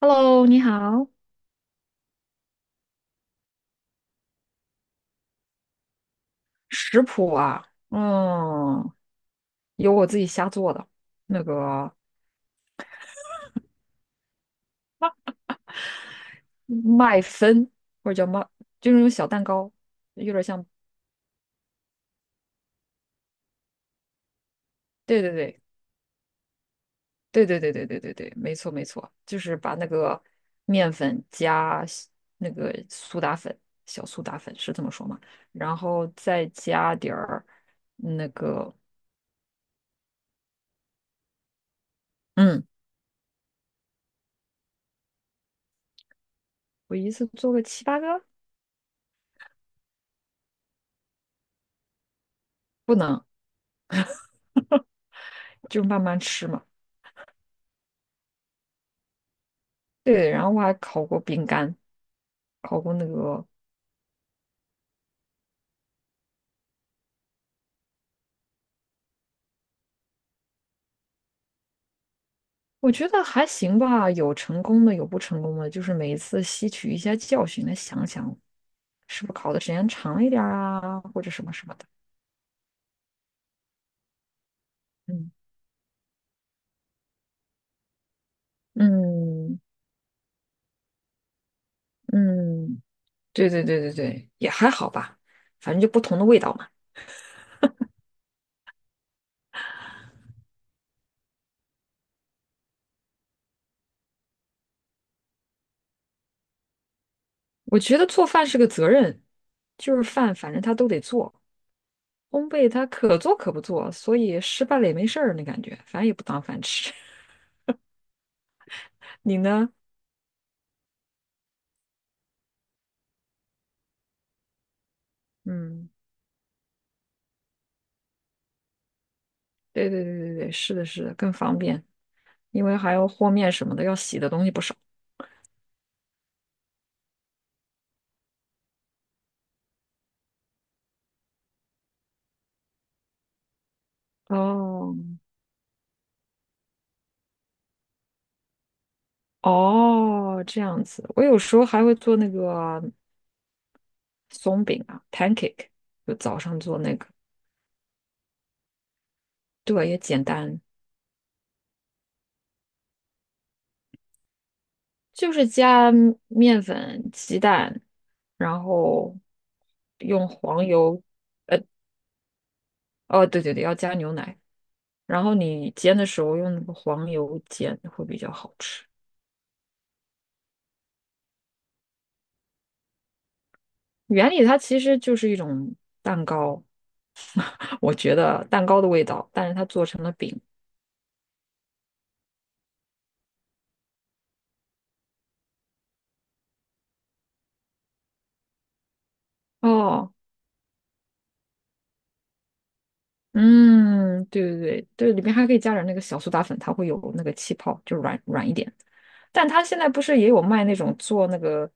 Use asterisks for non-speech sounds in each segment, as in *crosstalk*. Hello，你好。食谱啊，有我自己瞎做的，那个麦芬或者叫麦，就是那种小蛋糕，有点像。对对对对对对对对对对，没错没错，就是把那个面粉加那个苏打粉，小苏打粉是这么说吗？然后再加点儿那个，嗯，我一次做个七八个，不能，就慢慢吃嘛。对，然后我还烤过饼干，烤过那个。我觉得还行吧，有成功的，有不成功的，就是每一次吸取一下教训，来想想是不是考的时间长一点儿啊，或者什么什么的。嗯嗯嗯，对对对对对，也还好吧，反正就不同的味道嘛。我觉得做饭是个责任，就是饭反正他都得做，烘焙他可做可不做，所以失败了也没事儿那感觉，反正也不当饭吃。*laughs* 你呢？嗯。对对对对对，是的，是的，更方便，因为还要和面什么的，要洗的东西不少。哦哦，这样子，我有时候还会做那个松饼啊，pancake，就早上做那个，对，也简单，就是加面粉、鸡蛋，然后用黄油，哦，对对对，要加牛奶，然后你煎的时候用那个黄油煎会比较好吃。原理它其实就是一种蛋糕，我觉得蛋糕的味道，但是它做成了饼。哦，嗯，对对对对，里面还可以加点那个小苏打粉，它会有那个气泡，就软软一点。但它现在不是也有卖那种做那个，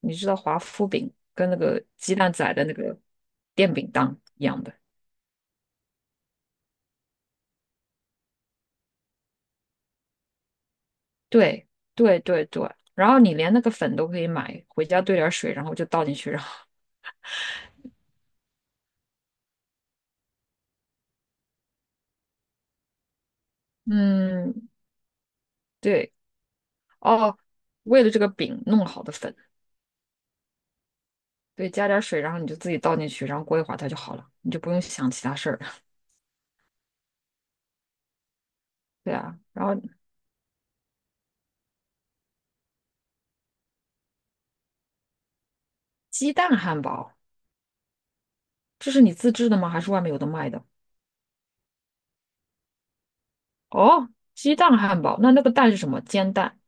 你知道华夫饼跟那个鸡蛋仔的那个电饼铛一样的。对对对对，然后你连那个粉都可以买，回家兑点水，然后就倒进去，然后 *laughs* 嗯，对哦，为了这个饼弄好的粉。对，加点水，然后你就自己倒进去，然后过一会儿它就好了，你就不用想其他事儿。*laughs* 对啊，然后鸡蛋汉堡，这是你自制的吗？还是外面有的卖的？哦，鸡蛋汉堡，那个蛋是什么？煎蛋？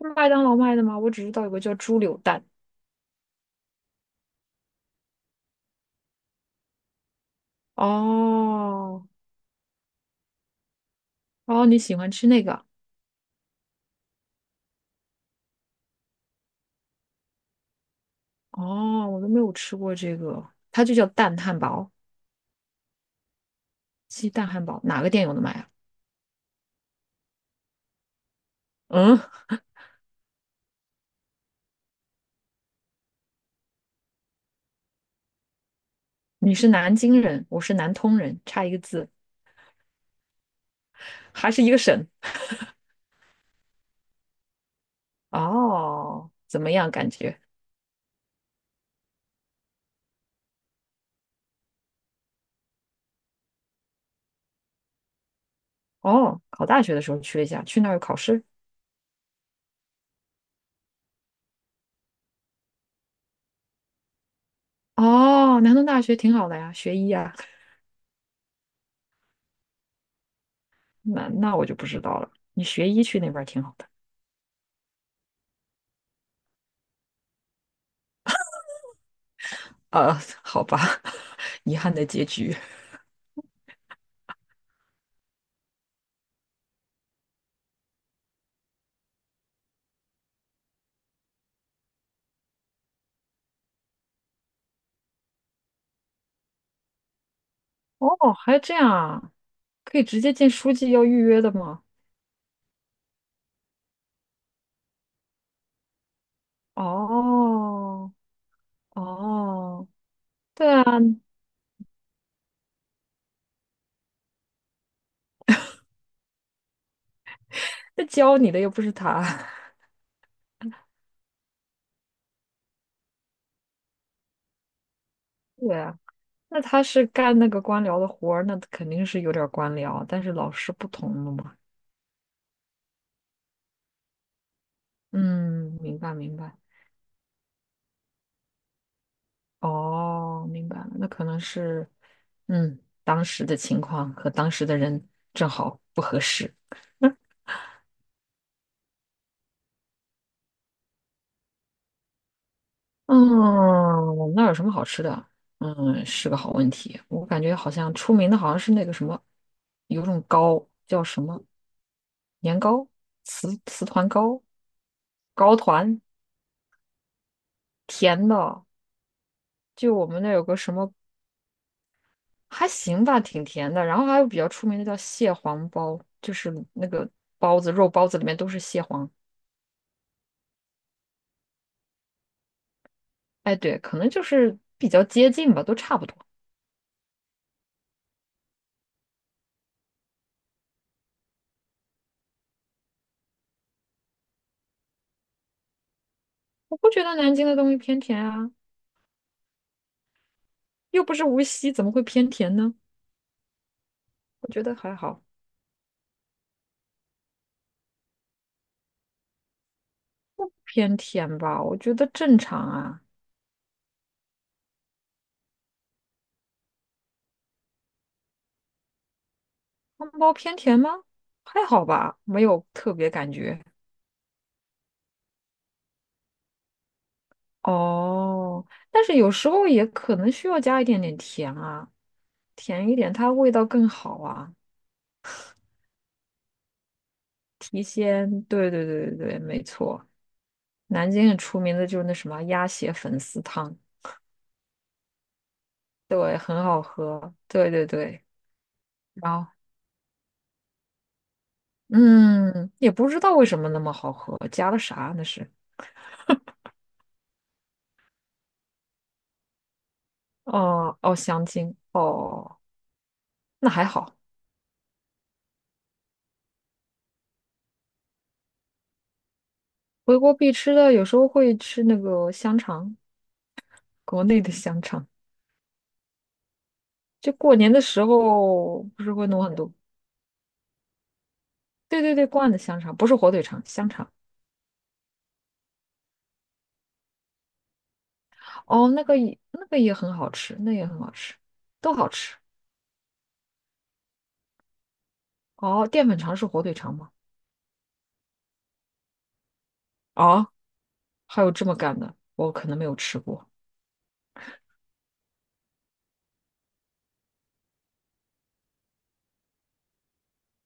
是麦当劳卖的吗？我只知道有个叫猪柳蛋。哦，哦，你喜欢吃那个？哦，我都没有吃过这个，它就叫蛋汉堡，鸡蛋汉堡，哪个店有的卖啊？嗯，你是南京人，我是南通人，差一个字，还是一个省。哦，怎么样感觉？哦，考大学的时候去了一下，去那儿有考试。哦，南通大学挺好的呀，学医啊。那我就不知道了，你学医去那边儿挺好的。呃，好吧，*laughs* 遗憾的结局。*laughs* 哦，还这样啊？可以直接见书记要预约的吗？哦，哦，对啊，那教你的又不是他。*laughs* 对啊，那他是干那个官僚的活儿，那肯定是有点儿官僚，但是老师不同了嘛。嗯，明白明白。哦，明白了，那可能是，嗯，当时的情况和当时的人正好不合适。嗯，那有什么好吃的？嗯，是个好问题。我感觉好像出名的好像是那个什么，有种糕叫什么年糕、糍团糕、糕团，甜的。就我们那有个什么还行吧，挺甜的。然后还有比较出名的叫蟹黄包，就是那个包子，肉包子里面都是蟹黄。哎，对，可能就是比较接近吧，都差不多。我不觉得南京的东西偏甜啊，又不是无锡，怎么会偏甜呢？我觉得还好，偏甜吧，我觉得正常啊。汤包偏甜吗？还好吧，没有特别感觉。哦，但是有时候也可能需要加一点点甜啊，甜一点它味道更好啊，提鲜。对对对对对，没错。南京很出名的就是那什么鸭血粉丝汤，对，很好喝。对对对。然后，嗯，也不知道为什么那么好喝，加了啥那是？哦哦，香精哦，那还好。回国必吃的，有时候会吃那个香肠，国内的香肠。就过年的时候，不是会弄很多？对对对，灌的香肠，不是火腿肠，香肠。哦，那个也那个也很好吃，那也很好吃，都好吃。哦，淀粉肠是火腿肠吗？啊，还有这么干的，我可能没有吃过。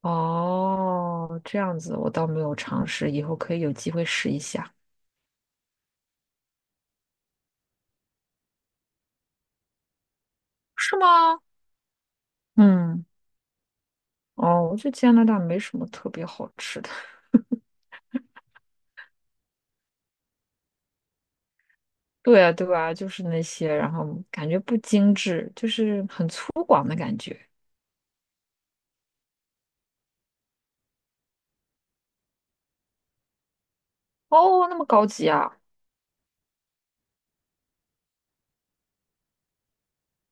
哦，这样子我倒没有尝试，以后可以有机会试一下。是吗？嗯，哦，我觉得加拿大没什么特别好吃的，*laughs* 对啊，对啊，就是那些，然后感觉不精致，就是很粗犷的感觉。哦，那么高级啊，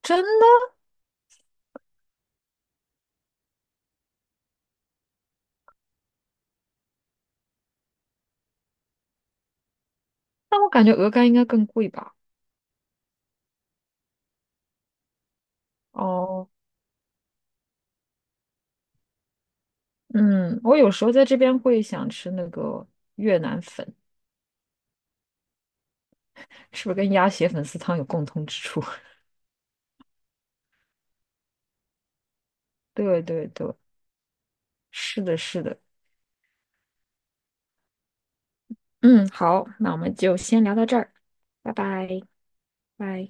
真的？那我感觉鹅肝应该更贵吧？哦，嗯，我有时候在这边会想吃那个越南粉，是不是跟鸭血粉丝汤有共通之处？*laughs* 对对对，是的，是的。嗯，好，那我们就先聊到这儿，拜拜，拜。